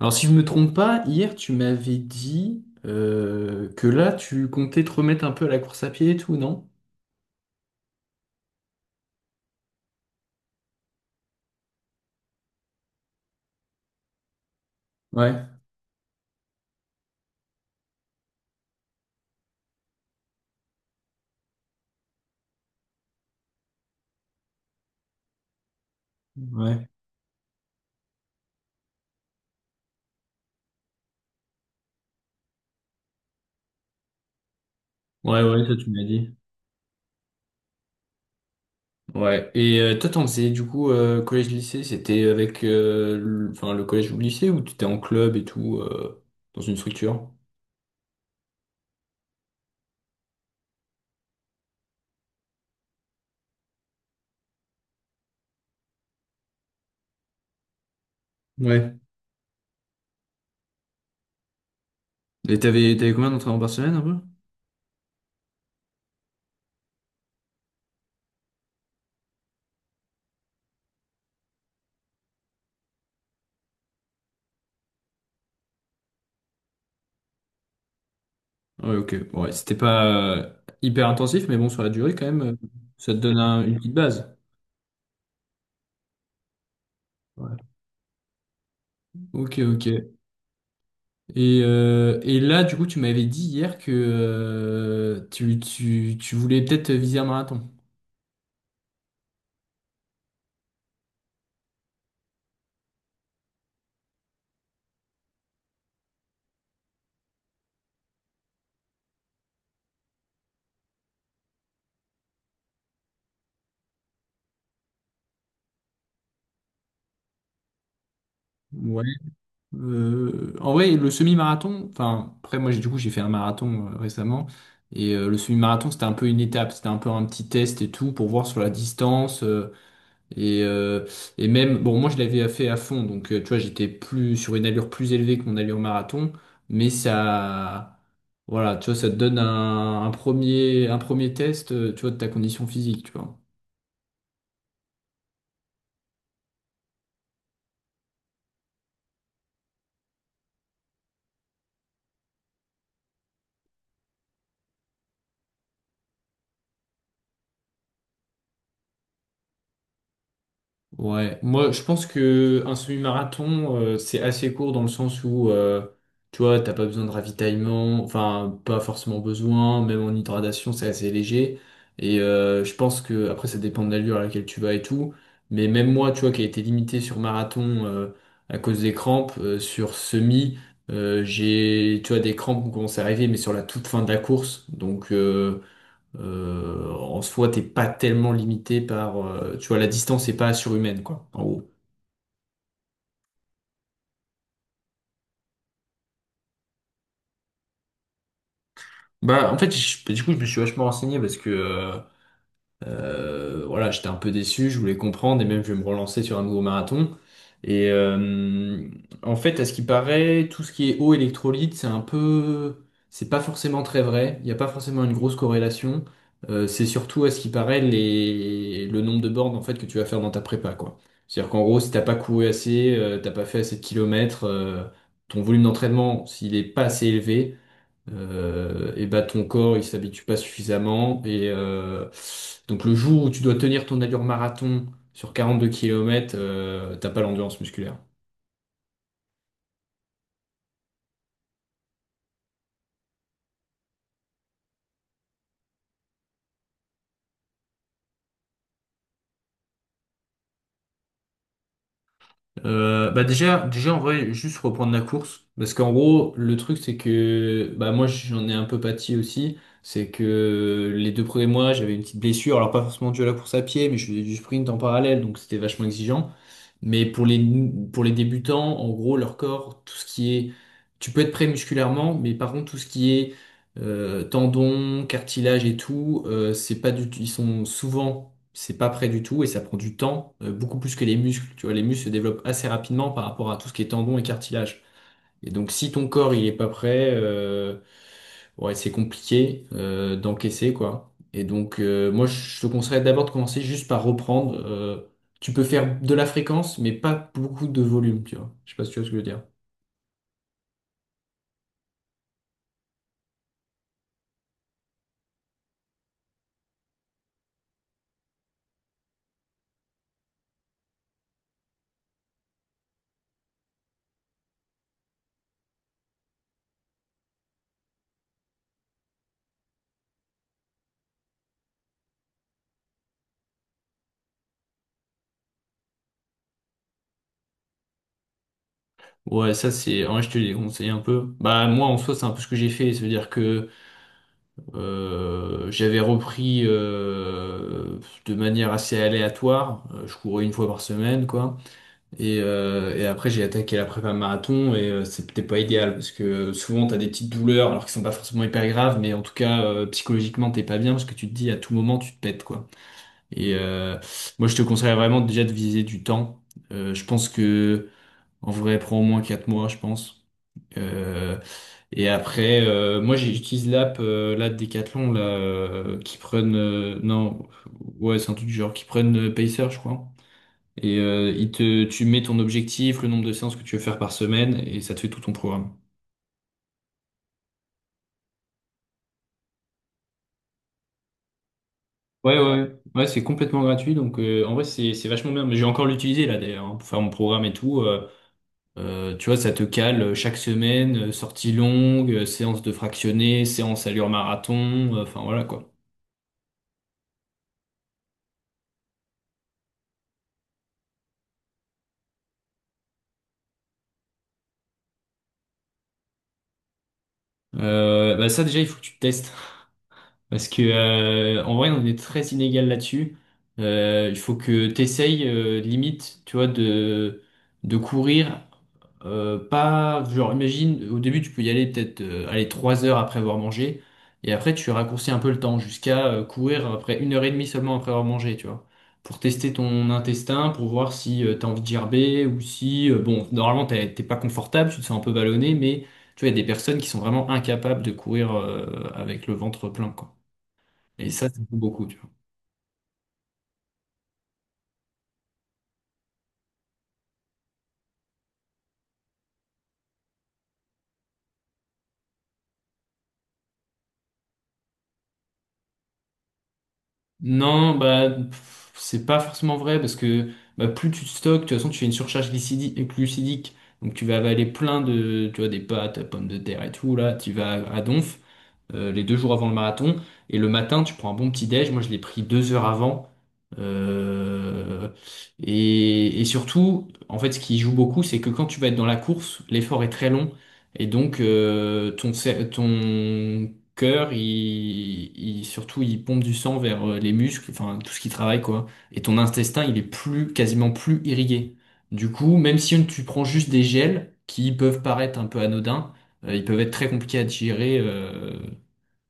Alors, si je me trompe pas, hier, tu m'avais dit que là, tu comptais te remettre un peu à la course à pied et tout, non? Ouais, ouais. Ouais, ouais, ça, tu m'as dit. Ouais. Et toi, t'en faisais, du coup, collège-lycée, c'était avec le, enfin, le collège ou le lycée ou tu étais en club et tout, dans une structure? Ouais. Et t'avais combien d'entraînements par semaine, un peu? Ouais, ok. Ouais, c'était pas euh, hyper intensif, mais bon, sur la durée, quand même, ça te donne une petite base. Ouais. Ok, ok. Et, là, du coup, tu m'avais dit hier que tu voulais peut-être viser un marathon. Ouais. En vrai, le semi-marathon, enfin, après, moi, du coup, j'ai fait un marathon récemment. Et le semi-marathon, c'était un peu une étape, c'était un peu un petit test et tout pour voir sur la distance. Et, même, bon, moi je l'avais fait à fond, donc tu vois, j'étais plus sur une allure plus élevée que mon allure marathon, mais ça, voilà, tu vois, ça te donne un premier test, tu vois, de ta condition physique, tu vois. Ouais, moi je pense que un semi-marathon c'est assez court dans le sens où tu vois t'as pas besoin de ravitaillement, enfin pas forcément besoin, même en hydratation c'est assez léger et je pense que après ça dépend de l'allure à laquelle tu vas et tout, mais même moi tu vois qui a été limité sur marathon à cause des crampes sur semi j'ai tu vois des crampes ont commencé à arriver mais sur la toute fin de la course donc en soi, t'es pas tellement limité par, tu vois, la distance est pas surhumaine, quoi, en gros. Bah, en fait, du coup, je me suis vachement renseigné parce que, voilà, j'étais un peu déçu, je voulais comprendre et même je vais me relancer sur un nouveau marathon. Et en fait, à ce qui paraît, tout ce qui est eau électrolyte, c'est un peu, c'est pas forcément très vrai. Il n'y a pas forcément une grosse corrélation. C'est surtout à ce qui paraît les, le nombre de bornes en fait que tu vas faire dans ta prépa, quoi. C'est-à-dire qu'en gros, si t'as pas couru assez, t'as pas fait assez de kilomètres, ton volume d'entraînement, s'il est pas assez élevé, et bah ton corps il s'habitue pas suffisamment et donc le jour où tu dois tenir ton allure marathon sur 42 km t'as pas l'endurance musculaire. Bah déjà en vrai juste reprendre la course parce qu'en gros le truc c'est que bah moi j'en ai un peu pâti aussi c'est que les 2 premiers mois j'avais une petite blessure alors pas forcément due à la course à pied mais je faisais du sprint en parallèle donc c'était vachement exigeant. Mais pour les débutants, en gros, leur corps, tout ce qui est... Tu peux être prêt musculairement, mais par contre, tout ce qui est tendons, cartilage et tout, c'est pas du tout... Ils sont souvent... C'est pas prêt du tout et ça prend du temps, beaucoup plus que les muscles. Tu vois, les muscles se développent assez rapidement par rapport à tout ce qui est tendons et cartilage. Et donc, si ton corps il est pas prêt, ouais, c'est compliqué d'encaisser quoi. Et donc, moi, je te conseillerais d'abord de commencer juste par reprendre. Tu peux faire de la fréquence, mais pas beaucoup de volume, tu vois. Je sais pas si tu vois ce que je veux dire. Ouais, ça c'est. En vrai, je te l'ai conseillé un peu. Bah moi, en soi, c'est un peu ce que j'ai fait. Ça veut dire que j'avais repris de manière assez aléatoire. Je courais une fois par semaine, quoi. Et, après, j'ai attaqué la prépa marathon et c'est peut-être pas idéal parce que souvent t'as des petites douleurs alors qu'ils sont pas forcément hyper graves, mais en tout cas, psychologiquement, t'es pas bien parce que tu te dis à tout moment, tu te pètes quoi. Et moi, je te conseillerais vraiment déjà de viser du temps. Je pense que en vrai, prend au moins 4 mois, je pense. Euh, et après, moi, j'utilise l'app là de Decathlon là, qui prennent. Non, ouais, c'est un truc du genre qui prennent Pacer, je crois. Et il te, tu mets ton objectif, le nombre de séances que tu veux faire par semaine, et ça te fait tout ton programme. Ouais, ouais, ouais, ouais, c'est complètement gratuit, donc en vrai c'est vachement bien. Mais j'ai encore l'utilisé là d'ailleurs hein, pour faire mon programme et tout. Tu vois, ça te cale chaque semaine, sortie longue, séance de fractionné, séance allure marathon, enfin voilà quoi. Bah ça déjà il faut que tu testes. Parce que en vrai, on est très inégal là-dessus. Il faut que t'essayes limite, tu vois, de courir. Pas, genre, imagine, au début, tu peux y aller peut-être aller 3 heures après avoir mangé, et après, tu raccourcis un peu le temps jusqu'à courir après 1 heure et demie seulement après avoir mangé, tu vois, pour tester ton intestin, pour voir si t'as envie de gerber ou si, bon, normalement, t'es pas confortable, tu te sens un peu ballonné, mais tu vois, il y a des personnes qui sont vraiment incapables de courir avec le ventre plein, quoi. Et ça, c'est pas beaucoup, tu vois. Non, bah, pff, c'est pas forcément vrai parce que bah, plus tu stockes, de toute façon, tu fais une surcharge glucidique. Donc, tu vas avaler plein de, tu vois, des pâtes, pommes de terre et tout, là, tu vas à donf. Les 2 jours avant le marathon. Et le matin, tu prends un bon petit déj. Moi, je l'ai pris 2 heures avant. Euh, et, surtout, en fait, ce qui joue beaucoup, c'est que quand tu vas être dans la course, l'effort est très long. Et donc, ton, cer- ton cœur, surtout, il pompe du sang vers les muscles, enfin, tout ce qui travaille, quoi. Et ton intestin, il est plus, quasiment plus irrigué. Du coup, même si tu prends juste des gels qui peuvent paraître un peu anodins, ils peuvent être très compliqués à digérer. euh,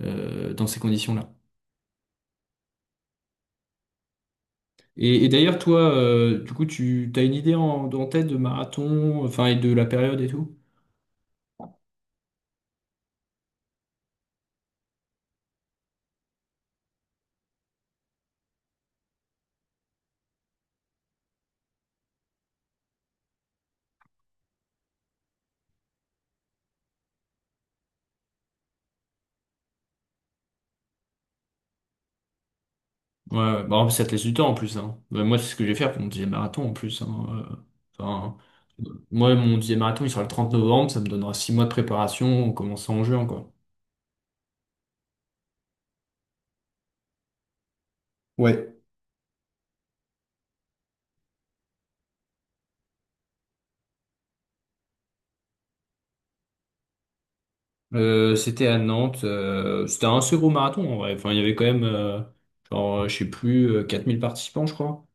euh, dans ces conditions-là. Et, d'ailleurs, toi, du coup, tu as une idée en tête de marathon, enfin, et de la période et tout? Ouais, ouais. Bon, ça te laisse du temps en plus, hein. Ouais, moi, c'est ce que je vais faire pour mon 10e marathon en plus, hein. Enfin, moi, mon 10e marathon, il sera le 30 novembre, ça me donnera 6 mois de préparation en commençant en juin, quoi. Ouais. C'était à Nantes, c'était un assez gros marathon en vrai. Enfin, il y avait quand même, genre, je sais plus, 4 000 participants, je crois.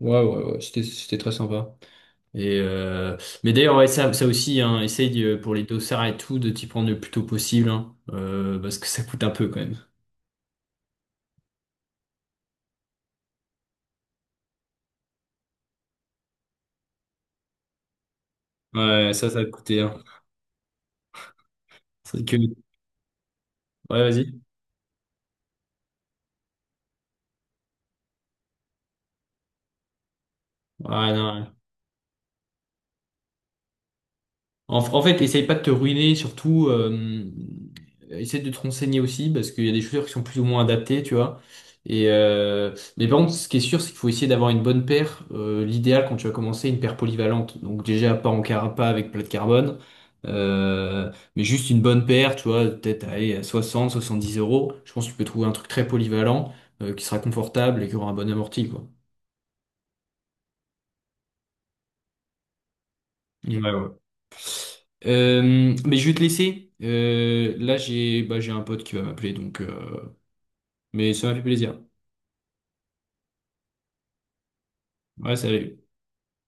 Ouais, ouais, ouais, c'était très sympa. Et mais d'ailleurs, ouais, ça aussi, hein, essaye pour les dossards et tout de t'y prendre le plus tôt possible, hein, parce que ça coûte un peu quand même. Ouais, ça va te coûter. Hein. C'est que... Ouais, vas-y. Ouais, non. En fait, essaye pas de te ruiner, surtout, essaye de te renseigner aussi, parce qu'il y a des chaussures qui sont plus ou moins adaptées, tu vois. Et, mais par contre, ce qui est sûr, c'est qu'il faut essayer d'avoir une bonne paire. L'idéal, quand tu vas commencer, une paire polyvalente. Donc déjà, pas en carapa avec plat de carbone, mais juste une bonne paire, tu vois, peut-être allez, à 60, 70 euros. Je pense que tu peux trouver un truc très polyvalent, qui sera confortable et qui aura un bon amorti, quoi. Ouais, ouais. Mais je vais te laisser. Là, j'ai bah, j'ai un pote qui va m'appeler, donc. Mais ça m'a fait plaisir. Ouais, salut.